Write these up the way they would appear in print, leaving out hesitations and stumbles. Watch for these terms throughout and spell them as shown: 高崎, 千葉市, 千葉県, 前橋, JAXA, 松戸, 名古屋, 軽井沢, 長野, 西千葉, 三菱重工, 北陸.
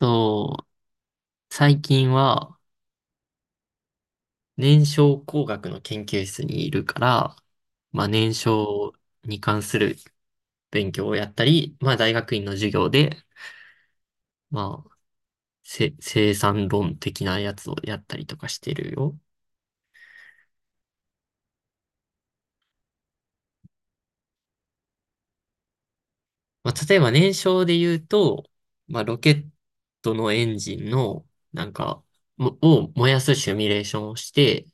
そう、最近は燃焼工学の研究室にいるから、まあ燃焼に関する勉強をやったり、まあ大学院の授業で、まあ生産論的なやつをやったりとかしてるよ。まあ、例えば燃焼で言うと、まあ、ロケットのエンジンの、なんか、もを燃やすシミュレーションをして、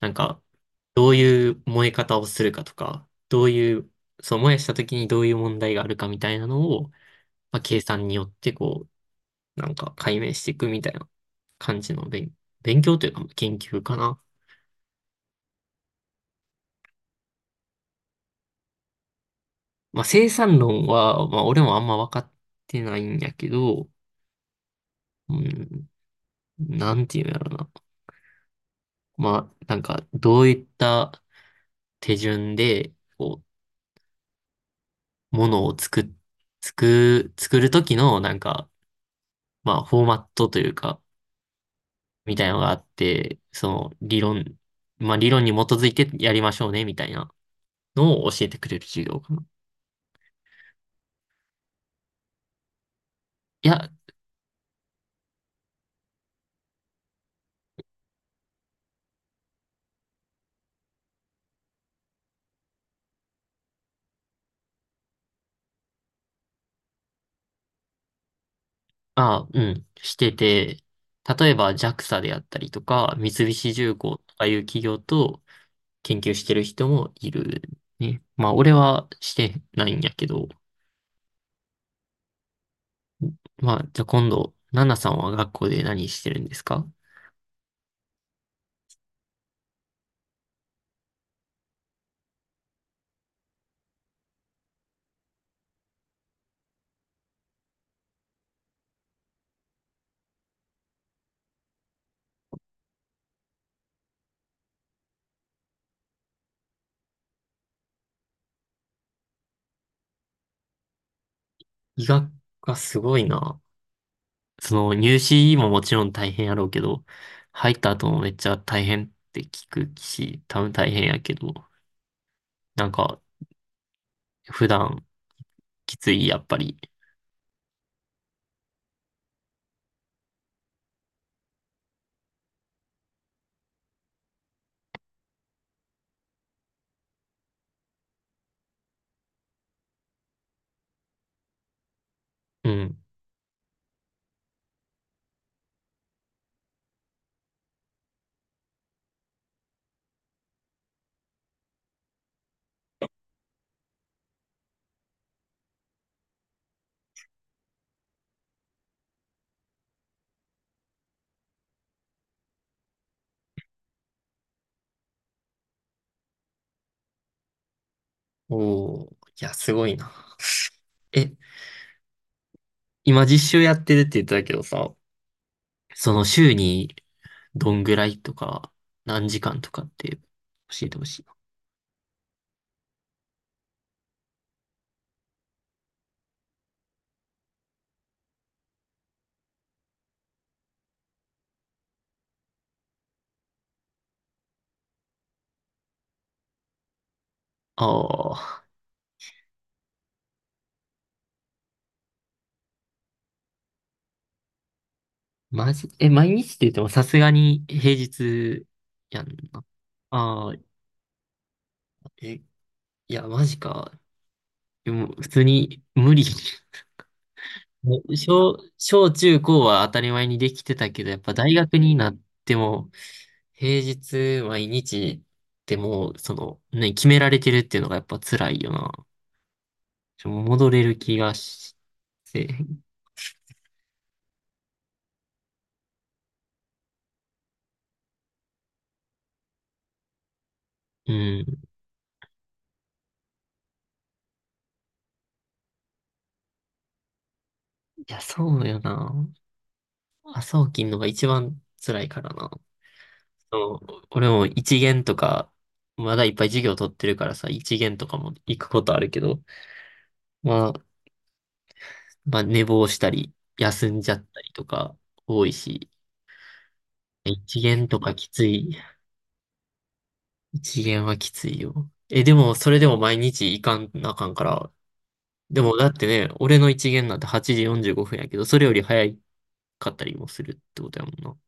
なんか、どういう燃え方をするかとか、どういう、そう燃やした時にどういう問題があるかみたいなのを、まあ、計算によってこう、なんか解明していくみたいな感じの勉強というか研究かな。まあ、生産論は、まあ、俺もあんま分かってないんやけど、うん、なんていうんやろな。まあ、なんか、どういった手順で、こう、ものを作っ、作、作るときの、なんか、まあ、フォーマットというか、みたいなのがあって、その、理論、まあ、理論に基づいてやりましょうね、みたいなのを教えてくれる授業かな。いや、あ、うん、してて、例えば JAXA であったりとか、三菱重工とかいう企業と研究してる人もいるね。まあ、俺はしてないんやけど、まあ、じゃあ今度、ナナさんは学校で何してるんですか？医学がすごいな。その入試ももちろん大変やろうけど、入った後もめっちゃ大変って聞くし、多分大変やけど、なんか普段きつい、やっぱり。うん。おー、いや、すごいな。え、今実習やってるって言ってたけどさ、その週にどんぐらいとか、何時間とかって教えてほしいな。ああ。マジ、え、毎日って言ってもさすがに平日やんな。ああ、え、いや、マジか。でも、普通に無理。もう小中高は当たり前にできてたけど、やっぱ大学になっても、平日毎日でもう、その、ね、決められてるっていうのがやっぱ辛いよな。戻れる気がして。うん。いや、そうよな。朝起きんのが一番辛いからな。そう、俺も一限とか、まだいっぱい授業取ってるからさ、一限とかも行くことあるけど、まあ、まあ寝坊したり、休んじゃったりとか多いし、一限とかきつい。一限はきついよ。え、でも、それでも毎日行かんなあかんから、でもだってね、俺の一限なんて8時45分やけど、それより早かったりもするってことやもんな。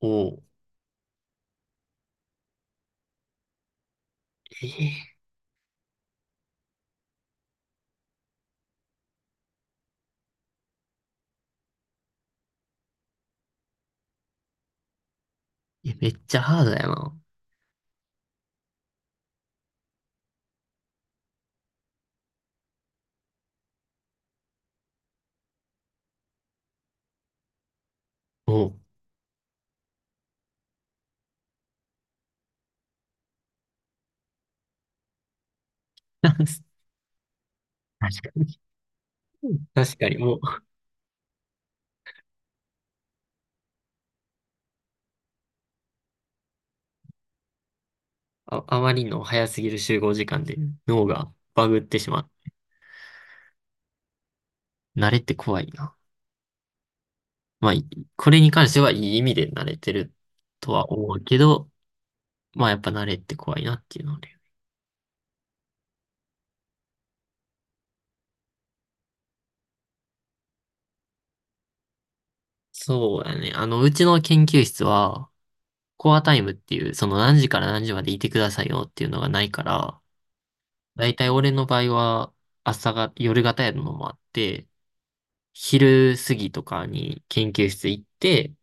おう。えーえめっちゃハードやな。おう。確かに。確かに、もう、あ、あまりの早すぎる集合時間で脳がバグってしまう。慣れって怖いな。まあ、これに関してはいい意味で慣れてるとは思うけど、まあやっぱ慣れって怖いなっていうので。そうだね。あの、うちの研究室は、コアタイムっていう、その何時から何時までいてくださいよっていうのがないから、だいたい俺の場合は、朝が、夜型やるのもあって、昼過ぎとかに研究室行って、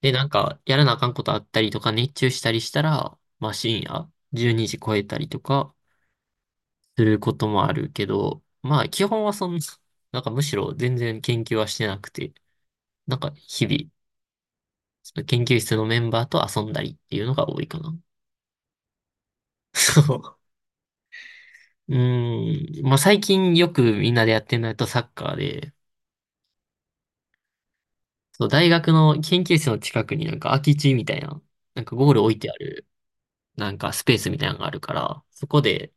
で、なんか、やらなあかんことあったりとか、熱中したりしたら、まあ深夜、12時超えたりとか、することもあるけど、まあ基本はそんな、なんかむしろ全然研究はしてなくて、なんか日々、その研究室のメンバーと遊んだりっていうのが多いかな。そう。うーん。まあ最近よくみんなでやってるのやとサッカーで、そう、大学の研究室の近くになんか空き地みたいな、なんかゴール置いてある、なんかスペースみたいなのがあるから、そこで、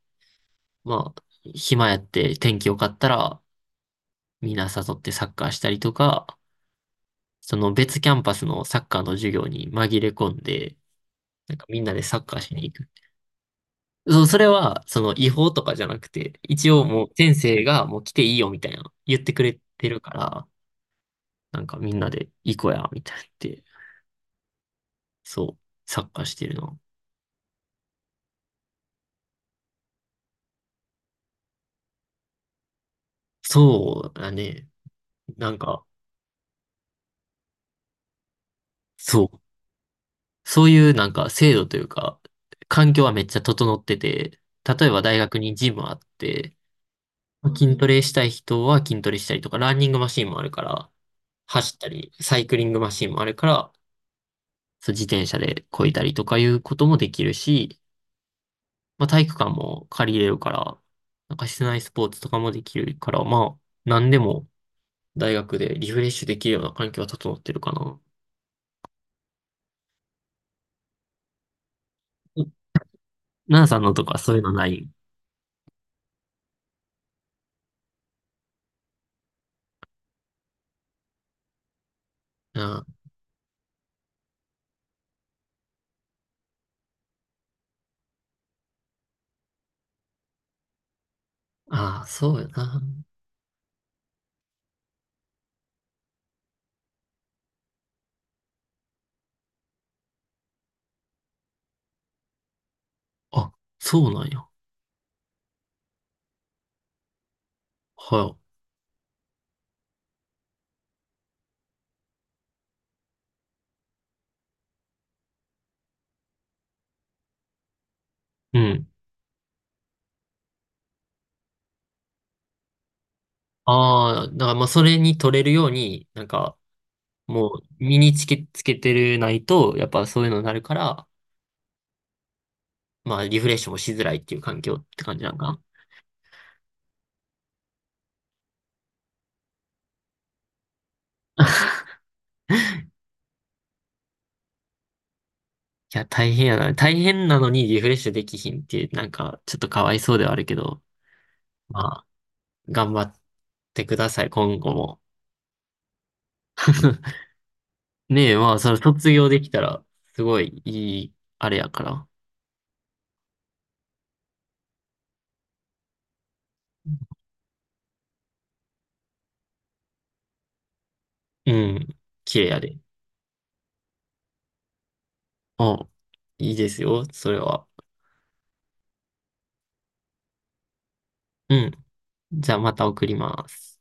まあ、暇やって天気良かったら、みんな誘ってサッカーしたりとか、その別キャンパスのサッカーの授業に紛れ込んで、なんかみんなでサッカーしに行く。そう、それは、その違法とかじゃなくて、一応もう先生がもう来ていいよみたいな言ってくれてるから、なんかみんなで行こうや、みたいなって、そう、サッカーしてるの。そうだね。なんか、そう。そういうなんか制度というか、環境はめっちゃ整ってて、例えば大学にジムあって、筋トレしたい人は筋トレしたりとか、ランニングマシンもあるから、走ったり、サイクリングマシンもあるから、そう自転車で漕いだりとかいうこともできるし、まあ、体育館も借りれるから、なんか室内スポーツとかもできるから、まあ、何でも大学でリフレッシュできるような環境は整ってるかな。ナナさんのとかそういうのない？ああ、そうよな。あ、そうなんや。はい。うん。ああ、だからまあそれに取れるように、なんかもう身につけ、つけてるないと、やっぱそういうのになるから、まあリフレッシュもしづらいっていう環境って感じなんかな。いや、大変やな。大変なのにリフレッシュできひんって、なんかちょっとかわいそうではあるけど、まあ頑張ってください、今後も。ねえ、まあその卒業できたら、すごいいい、あれやから。うん、綺麗やで。あ、いいですよ、それは。うん。じゃあまた送ります。